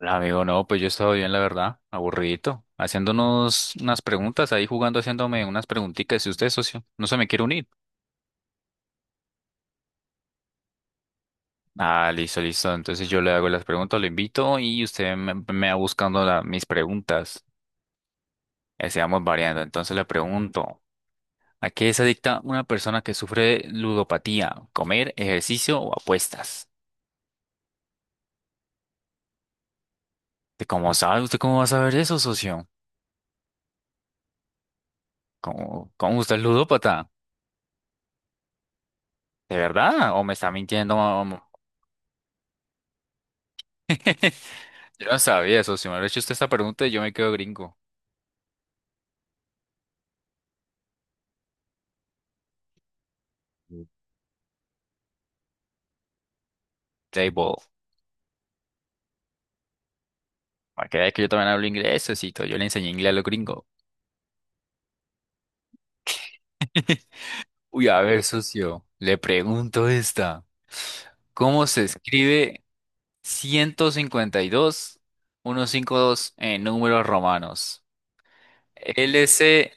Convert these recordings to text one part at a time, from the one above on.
Amigo, no, pues yo he estado bien, la verdad, aburridito, haciéndonos unas preguntas, ahí jugando, haciéndome unas preguntitas. Si usted, socio, no se me quiere unir. Ah, listo, listo. Entonces yo le hago las preguntas, lo invito y usted me va buscando mis preguntas. Así vamos variando. Entonces le pregunto, ¿a qué se adicta una persona que sufre ludopatía? ¿Comer, ejercicio o apuestas? ¿De ¿Cómo sabe? ¿Usted cómo va a saber eso, socio? ¿Cómo usted es ludópata? ¿De verdad? ¿O me está mintiendo? Yo no sabía eso. Si me hubiera hecho usted esta pregunta, yo me quedo gringo. Table. Para que vea que yo también hablo inglés, socito. Yo le enseñé inglés a los gringos. Uy, a ver, socio. Le pregunto esta. ¿Cómo se escribe 152, dos en números romanos? L C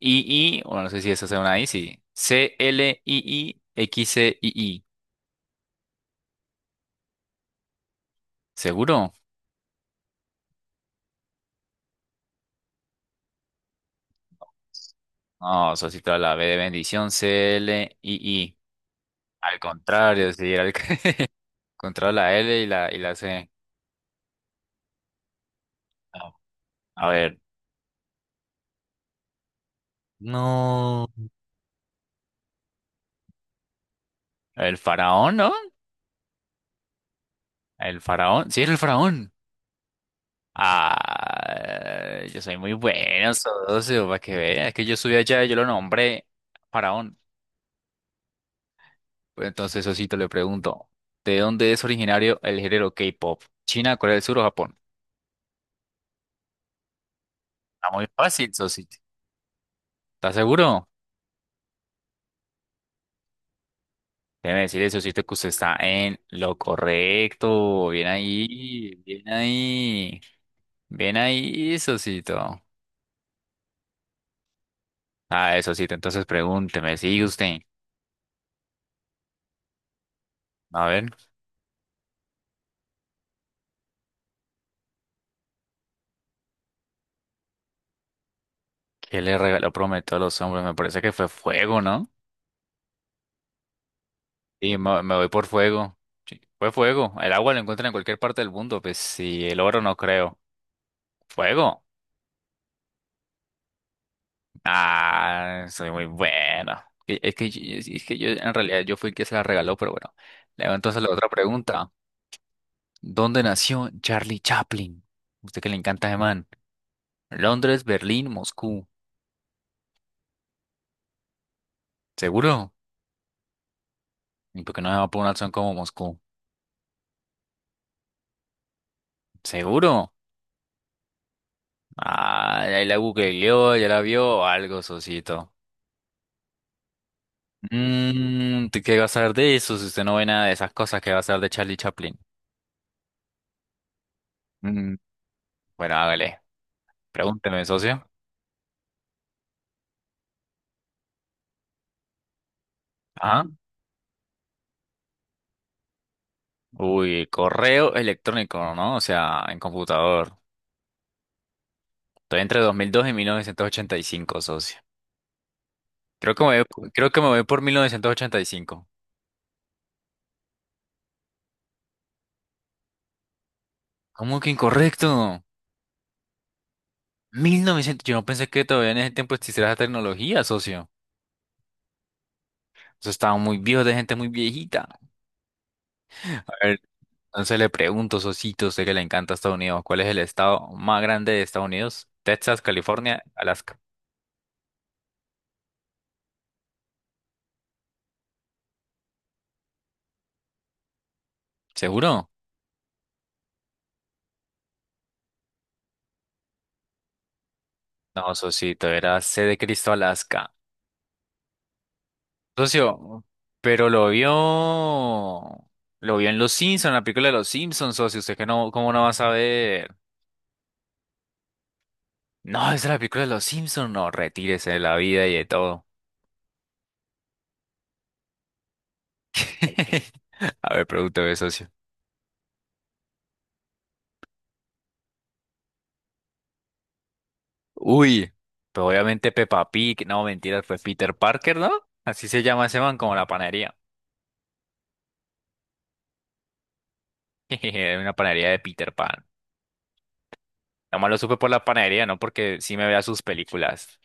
I I, bueno, no sé si eso sea una I, sí. C L I, I X C I I. ¿Seguro? No, socito, la B de bendición, C L I I. Al contrario, sí, era el contra la L y la C. No. A ver. No. El faraón, ¿no? El faraón. Sí, era el faraón. Ah, yo soy muy bueno, socio, para que veas. Es que yo subí allá y yo lo nombré faraón. Pues entonces, Sosito, le pregunto, ¿de dónde es originario el género K-pop? ¿China, Corea del Sur o Japón? Está muy fácil, Sosito. ¿Estás seguro? Déjeme decirle, Sosito, que usted está en lo correcto. Bien ahí, bien ahí. Bien ahí, Sosito. Ah, Sosito, entonces pregúnteme, sigue usted. A ver, ¿qué le regaló Prometeo a los hombres? Me parece que fue fuego, ¿no? Sí, me voy por fuego. Sí, fue fuego. El agua lo encuentran en cualquier parte del mundo, pues sí, el oro no creo. ¿Fuego? Ah, soy muy bueno. Es que yo, en realidad, yo fui el que se la regaló, pero bueno. Le hago entonces la otra pregunta. ¿Dónde nació Charlie Chaplin? Usted que le encanta, ese man. Londres, Berlín, Moscú. ¿Seguro? ¿Y por qué no se va por una opción como Moscú? ¿Seguro? Ah, ahí la googleó, ya la vio, algo, socito. Mmm, ¿qué va a saber de eso si usted no ve nada de esas cosas que va a saber de Charlie Chaplin? Mm, bueno, hágale. Pregúnteme, socio. Ajá. Uy, correo electrónico, ¿no? O sea, en computador. Estoy entre 2002 y 1985, socio. Creo que me voy por 1985. ¿Cómo que incorrecto? 1900, yo no pensé que todavía en ese tiempo existiera esa tecnología, socio. Eso estaba muy viejo, de gente muy viejita. A ver, entonces le pregunto, Sosito, sé que le encanta Estados Unidos. ¿Cuál es el estado más grande de Estados Unidos? Texas, California, Alaska. ¿Seguro? No, Sosito, era C de Cristo, Alaska. Socio, pero lo vio. Lo vio en Los Simpsons, en la película de Los Simpsons, socio. ¿Usted que no, cómo no va a saber? No, es de la película de Los Simpsons. No, retírese de la vida y de todo. A ver, pregúntame, socio. Uy, pero obviamente Peppa Pig, no, mentiras, fue Peter Parker, ¿no? Así se llama ese man, como la panadería. Era una panadería de Peter Pan. Nomás lo supe por la panadería, no porque sí me vea sus películas.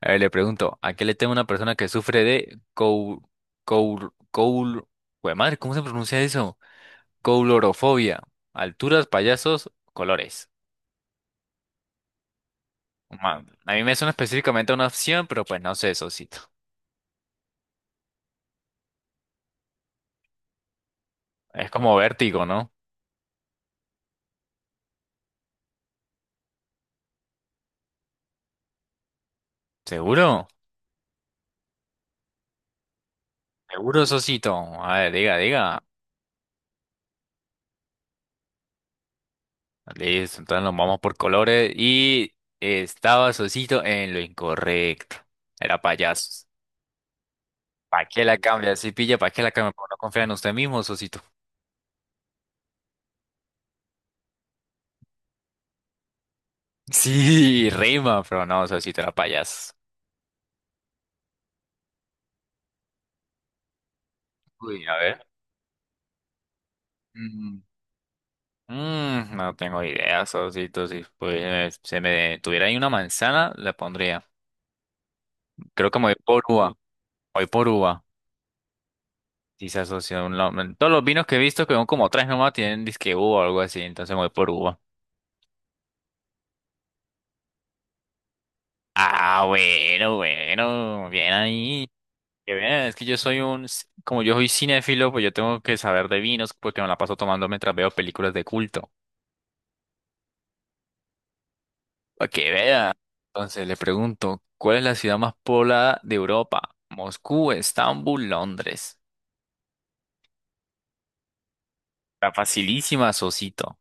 A ver, le pregunto, ¿a qué le teme una persona que sufre de cou... Jue madre, ¿cómo se pronuncia eso? Coulorofobia. Alturas, payasos, colores. Man, a mí me suena específicamente a una opción, pero pues no sé, Sosito. Es como vértigo, ¿no? ¿Seguro? Seguro, Sosito. A ver, diga, diga. Listo, entonces nos vamos por colores. Y estaba Sosito en lo incorrecto. Era payasos. ¿Para qué la cambia? Si pilla, ¿para qué la cambia? Por no confiar en usted mismo, Sosito. Sí, rima, pero no, Sosito era payasos. Uy, a ver. Mm, mm, no tengo idea, Sosito. Si pues, se me tuviera ahí una manzana, la pondría. Creo que me voy por uva. Voy por uva. Sí, se asocia a un lado. Todos los vinos que he visto, que son como tres nomás, tienen disque uva o algo así, entonces me voy por uva. Ah, bueno, bueno, bien ahí. Que bien, es que yo soy como yo soy cinéfilo, pues yo tengo que saber de vinos porque me la paso tomando mientras veo películas de culto. Para que vea. Entonces le pregunto, ¿cuál es la ciudad más poblada de Europa? Moscú, Estambul, Londres. Está facilísima, socito.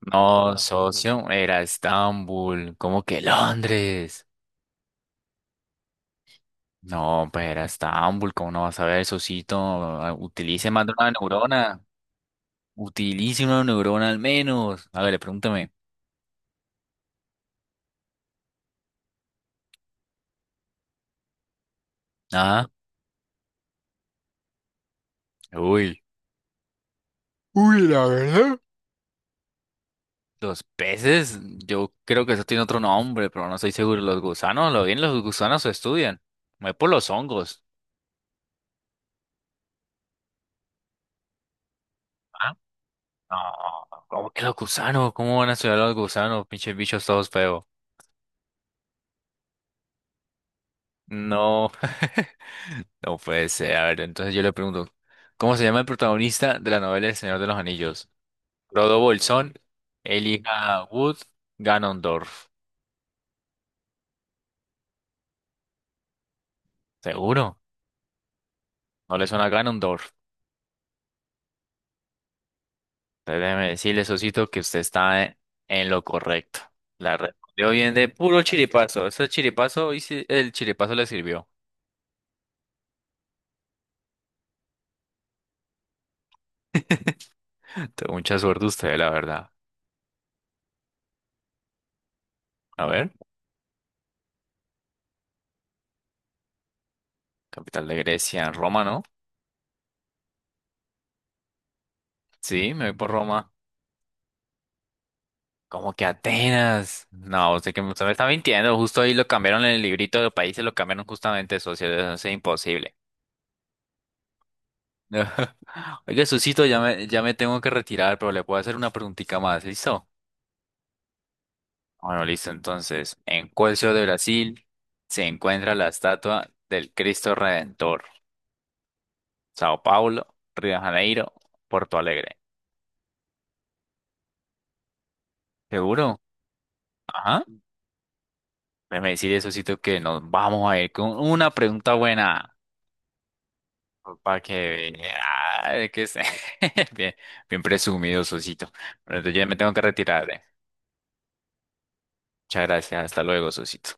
No, ah, no, socio, era Estambul. ¿Cómo que Londres? No, pues era Estambul, ¿cómo no vas a ver, Sosito? Ah, utilice más de una neurona. Utilice una neurona al menos. A ver, pregúntame. ¿Ah? Uy. Uy, la verdad. Los peces, yo creo que eso tiene otro nombre, pero no estoy seguro. Los gusanos, lo bien, los gusanos se estudian. Me voy por los hongos. ¿Ah? No, ¿cómo que los gusanos? ¿Cómo van a estudiar los gusanos? Pinches bichos todos feos. No. No puede ser. A ver, entonces yo le pregunto, ¿cómo se llama el protagonista de la novela El Señor de los Anillos? Frodo Bolsón, Elijah Wood, Ganondorf. ¿Seguro? ¿No le suena a Ganondorf? Entonces, déjeme decirle, Sosito, que usted en lo correcto. La respondió bien de puro chiripazo. Ese chiripazo, y sí, el chiripazo le sirvió. Entonces, mucha suerte usted, la verdad. A ver, capital de Grecia, Roma, ¿no? Sí, me voy por Roma. Como que Atenas. No, usted me está mintiendo. Justo ahí lo cambiaron en el librito de los países, lo cambiaron justamente socio. Eso es imposible. Oiga, Susito, ya me tengo que retirar, pero le puedo hacer una preguntita más, ¿listo? Bueno, listo. Entonces, ¿en cuál ciudad de Brasil se encuentra la estatua del Cristo Redentor? Sao Paulo, Río de Janeiro, Porto Alegre. ¿Seguro? Ajá. Déjeme decirle, Susito, que nos vamos a ir con una pregunta buena. Para que vea, que es bien, bien presumido, Sosito. Bueno, entonces yo ya me tengo que retirar, eh. Muchas gracias. Hasta luego, Sosito.